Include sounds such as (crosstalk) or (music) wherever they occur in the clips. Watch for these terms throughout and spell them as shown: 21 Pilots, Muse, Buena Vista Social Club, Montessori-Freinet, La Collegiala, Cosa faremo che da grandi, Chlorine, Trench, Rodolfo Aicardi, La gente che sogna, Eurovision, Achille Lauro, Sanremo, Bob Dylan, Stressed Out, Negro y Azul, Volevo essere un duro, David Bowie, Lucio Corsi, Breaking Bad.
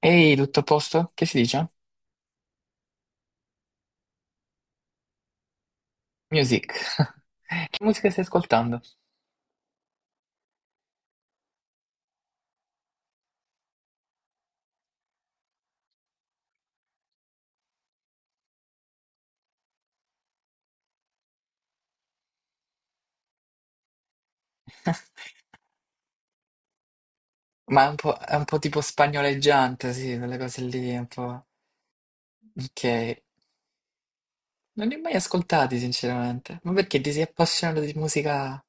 Ehi, tutto a posto? Che si dice? Music. (laughs) Che musica stai ascoltando? Ma è un po' tipo spagnoleggiante, sì, quelle cose lì, un po'... Ok. Non li ho mai ascoltati, sinceramente. Ma perché ti sei appassionato di musica...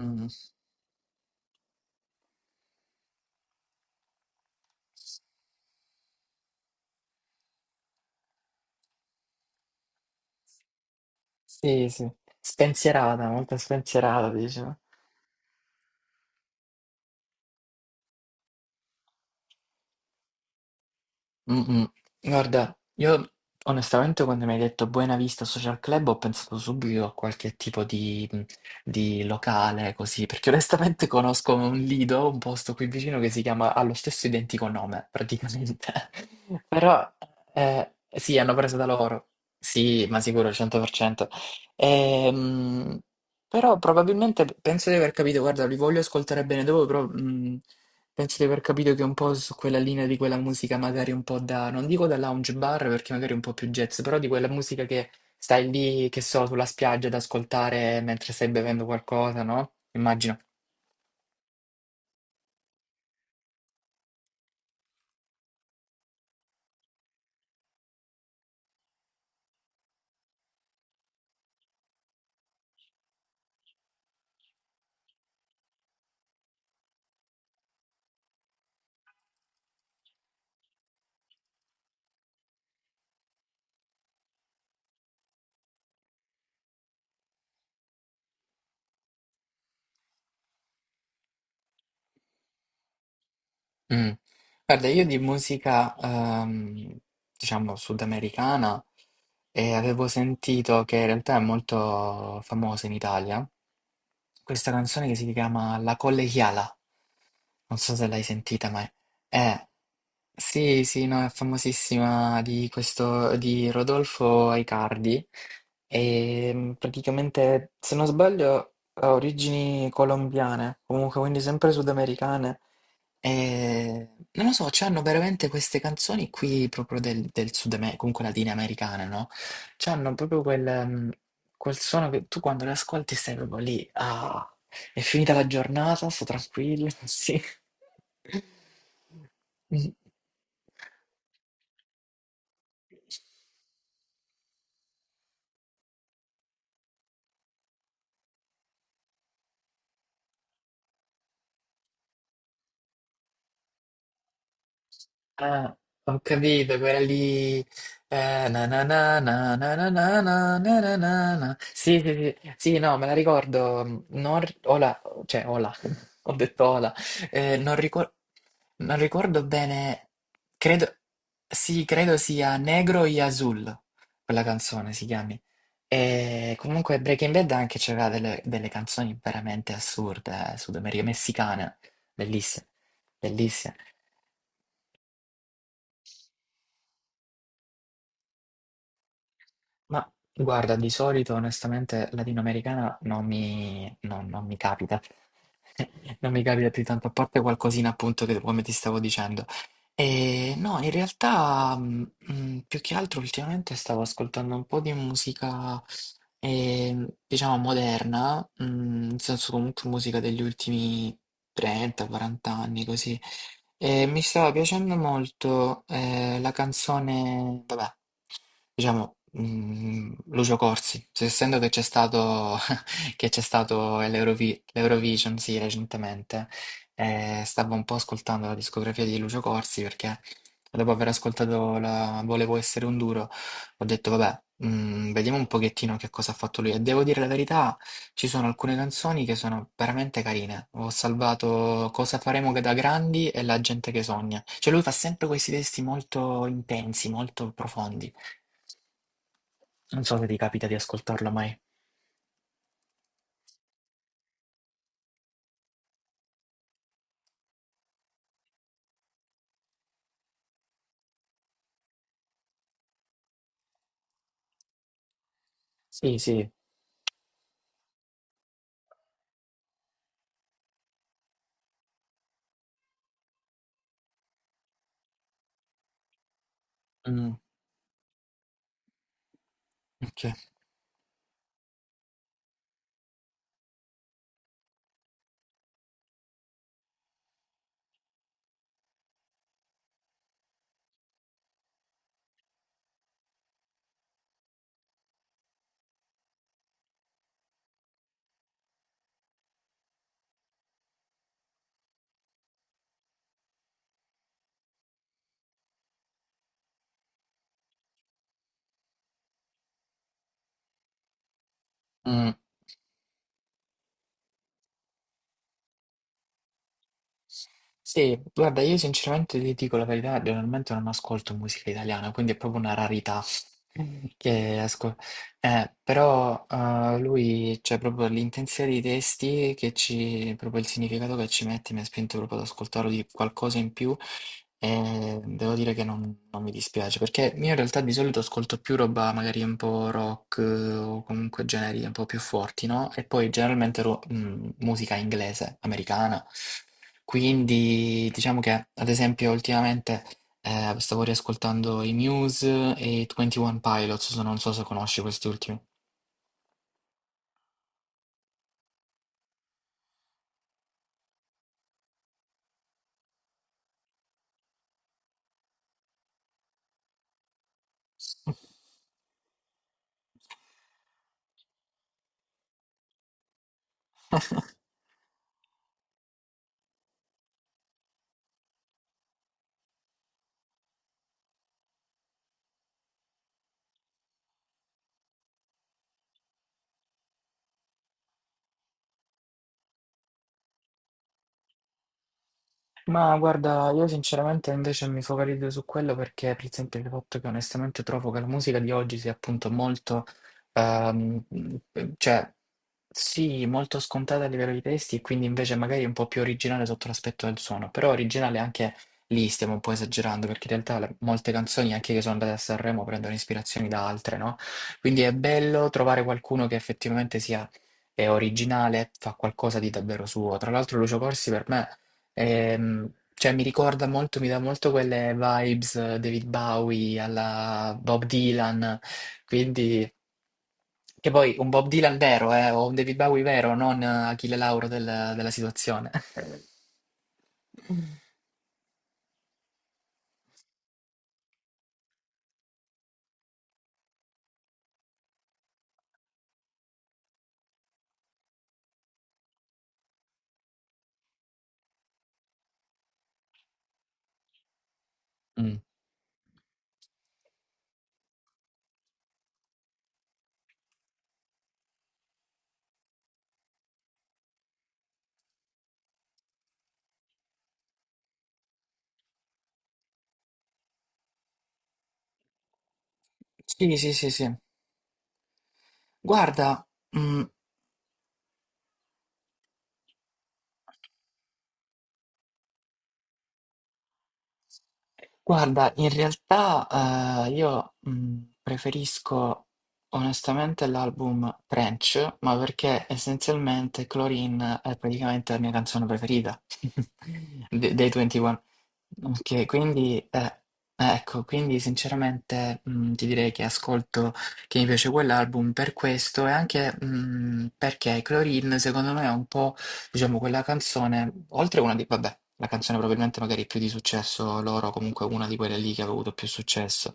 Mm, sì, sì. Spensierata, molto spensierata, dicevo. Mh-mh. Guarda, io onestamente quando mi hai detto Buena Vista Social Club ho pensato subito a qualche tipo di locale così, perché onestamente (laughs) conosco un lido, un posto qui vicino che si chiama, ha lo stesso identico nome praticamente, (laughs) però sì, hanno preso da loro, sì, ma sicuro, 100%. Ehm, Però probabilmente penso di aver capito, guarda, li voglio ascoltare bene dopo, però... Penso di aver capito che è un po' su quella linea di quella musica magari un po' da, non dico da lounge bar perché magari è un po' più jazz, però di quella musica che stai lì, che so, sulla spiaggia ad ascoltare mentre stai bevendo qualcosa, no? Immagino. Mm. Guarda, io di musica, diciamo, sudamericana, e avevo sentito che in realtà è molto famosa in Italia, questa canzone che si chiama La Collegiala, non so se l'hai sentita mai. Sì, sì, no, è famosissima di questo, di Rodolfo Aicardi e praticamente, se non sbaglio, ha origini colombiane, comunque quindi sempre sudamericane e non lo so, c'hanno veramente queste canzoni qui proprio del Sud America, comunque latinoamericane, no? C'hanno proprio quel, quel suono che tu quando le ascolti stai proprio lì, ah, è finita la giornata, sto tranquillo, (laughs) sì. Mm. Ah, ho capito, quella lì. Eh, na na na na na na na na na na na na. Sì, sì, sì, sì, no, me la ricordo. Non... ri- Ola, cioè, ola, (laughs) ho detto ola. Eh, non ricor- Non ricordo bene, credo, sì, credo sia Negro y Azul, quella canzone si chiami. E comunque Breaking Bad anche c'era delle, delle canzoni veramente assurde, messicane, bellissime, bellissime. Ma guarda, di solito onestamente latinoamericana non mi capita, (laughs) non mi capita più tanto, a parte qualcosina appunto che come ti stavo dicendo. E no, in realtà più che altro ultimamente stavo ascoltando un po' di musica, diciamo, moderna, nel senso comunque musica degli ultimi 30-40 anni, così. E mi stava piacendo molto la canzone, vabbè, diciamo, Lucio Corsi, essendo che c'è stato, (laughs) che c'è stato l'Eurovision, sì, recentemente. E stavo un po' ascoltando la discografia di Lucio Corsi perché dopo aver ascoltato la Volevo essere un duro, ho detto vabbè, vediamo un pochettino che cosa ha fatto lui. E devo dire la verità, ci sono alcune canzoni che sono veramente carine. Ho salvato Cosa faremo che da grandi e La gente che sogna. Cioè lui fa sempre questi testi molto intensi, molto profondi. Non so se ti capita di ascoltarlo mai. Sì, sì. Mm, ok. Mm. Sì, guarda, io sinceramente ti dico la verità, generalmente non ascolto musica italiana, quindi è proprio una rarità (laughs) che ascolto. Però lui, cioè proprio l'intensità dei testi, che ci, proprio il significato che ci mette, mi ha spinto proprio ad ascoltarlo di qualcosa in più. E devo dire che non mi dispiace, perché io in realtà di solito ascolto più roba magari un po' rock o comunque generi un po' più forti, no? E poi generalmente musica inglese, americana. Quindi diciamo che ad esempio ultimamente stavo riascoltando i Muse e i 21 Pilots, non so se conosci questi ultimi. Ma guarda, io sinceramente invece mi focalizzo su quello perché, per esempio, il fatto che onestamente trovo che la musica di oggi sia appunto molto, ehm, cioè sì, molto scontata a livello di testi e quindi invece magari un po' più originale sotto l'aspetto del suono, però originale anche lì stiamo un po' esagerando perché in realtà molte canzoni anche che sono andate a Sanremo prendono ispirazioni da altre, no? Quindi è bello trovare qualcuno che effettivamente sia è originale, fa qualcosa di davvero suo. Tra l'altro Lucio Corsi per me cioè, mi ricorda molto, mi dà molto quelle vibes David Bowie alla Bob Dylan, quindi, che poi un Bob Dylan vero, o un David Bowie vero, non Achille Lauro della situazione. (laughs) Mm. Sì, sì, sì, sì. Guarda, mm, guarda, in realtà io preferisco onestamente l'album Trench, ma perché essenzialmente Chlorine è praticamente la mia canzone preferita (laughs) dei 21. Ok, quindi ecco, quindi sinceramente ti direi che ascolto, che mi piace quell'album per questo e anche perché Chlorine secondo me è un po'. Diciamo, quella canzone, oltre a una di, vabbè, la canzone probabilmente magari più di successo loro, comunque una di quelle lì che ha avuto più successo,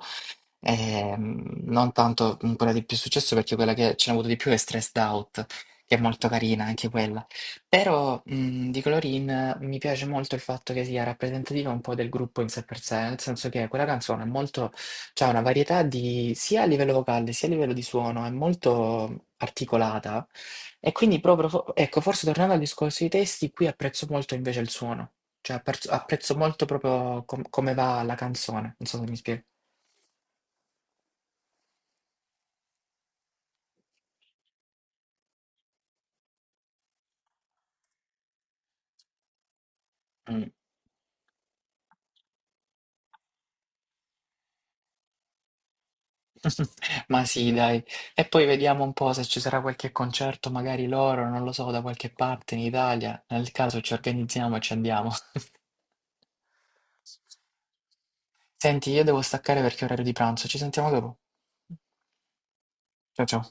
ehm, non tanto quella di più successo perché quella che ce n'ho avuto di più è Stressed Out, che è molto carina anche quella. Però di Colorin mi piace molto il fatto che sia rappresentativa un po' del gruppo in sé per sé, nel senso che quella canzone è molto, c'ha una varietà di, sia a livello vocale sia a livello di suono, è molto articolata. E quindi proprio, ecco, forse tornando al discorso dei testi, qui apprezzo molto invece il suono, cioè apprezzo molto proprio come va la canzone, non so se mi spiego. (laughs) Ma sì, dai. E poi vediamo un po' se ci sarà qualche concerto, magari loro, non lo so, da qualche parte in Italia. Nel caso ci organizziamo e ci andiamo. (laughs) Senti, io devo staccare perché è orario di pranzo. Ci sentiamo dopo. Ciao ciao.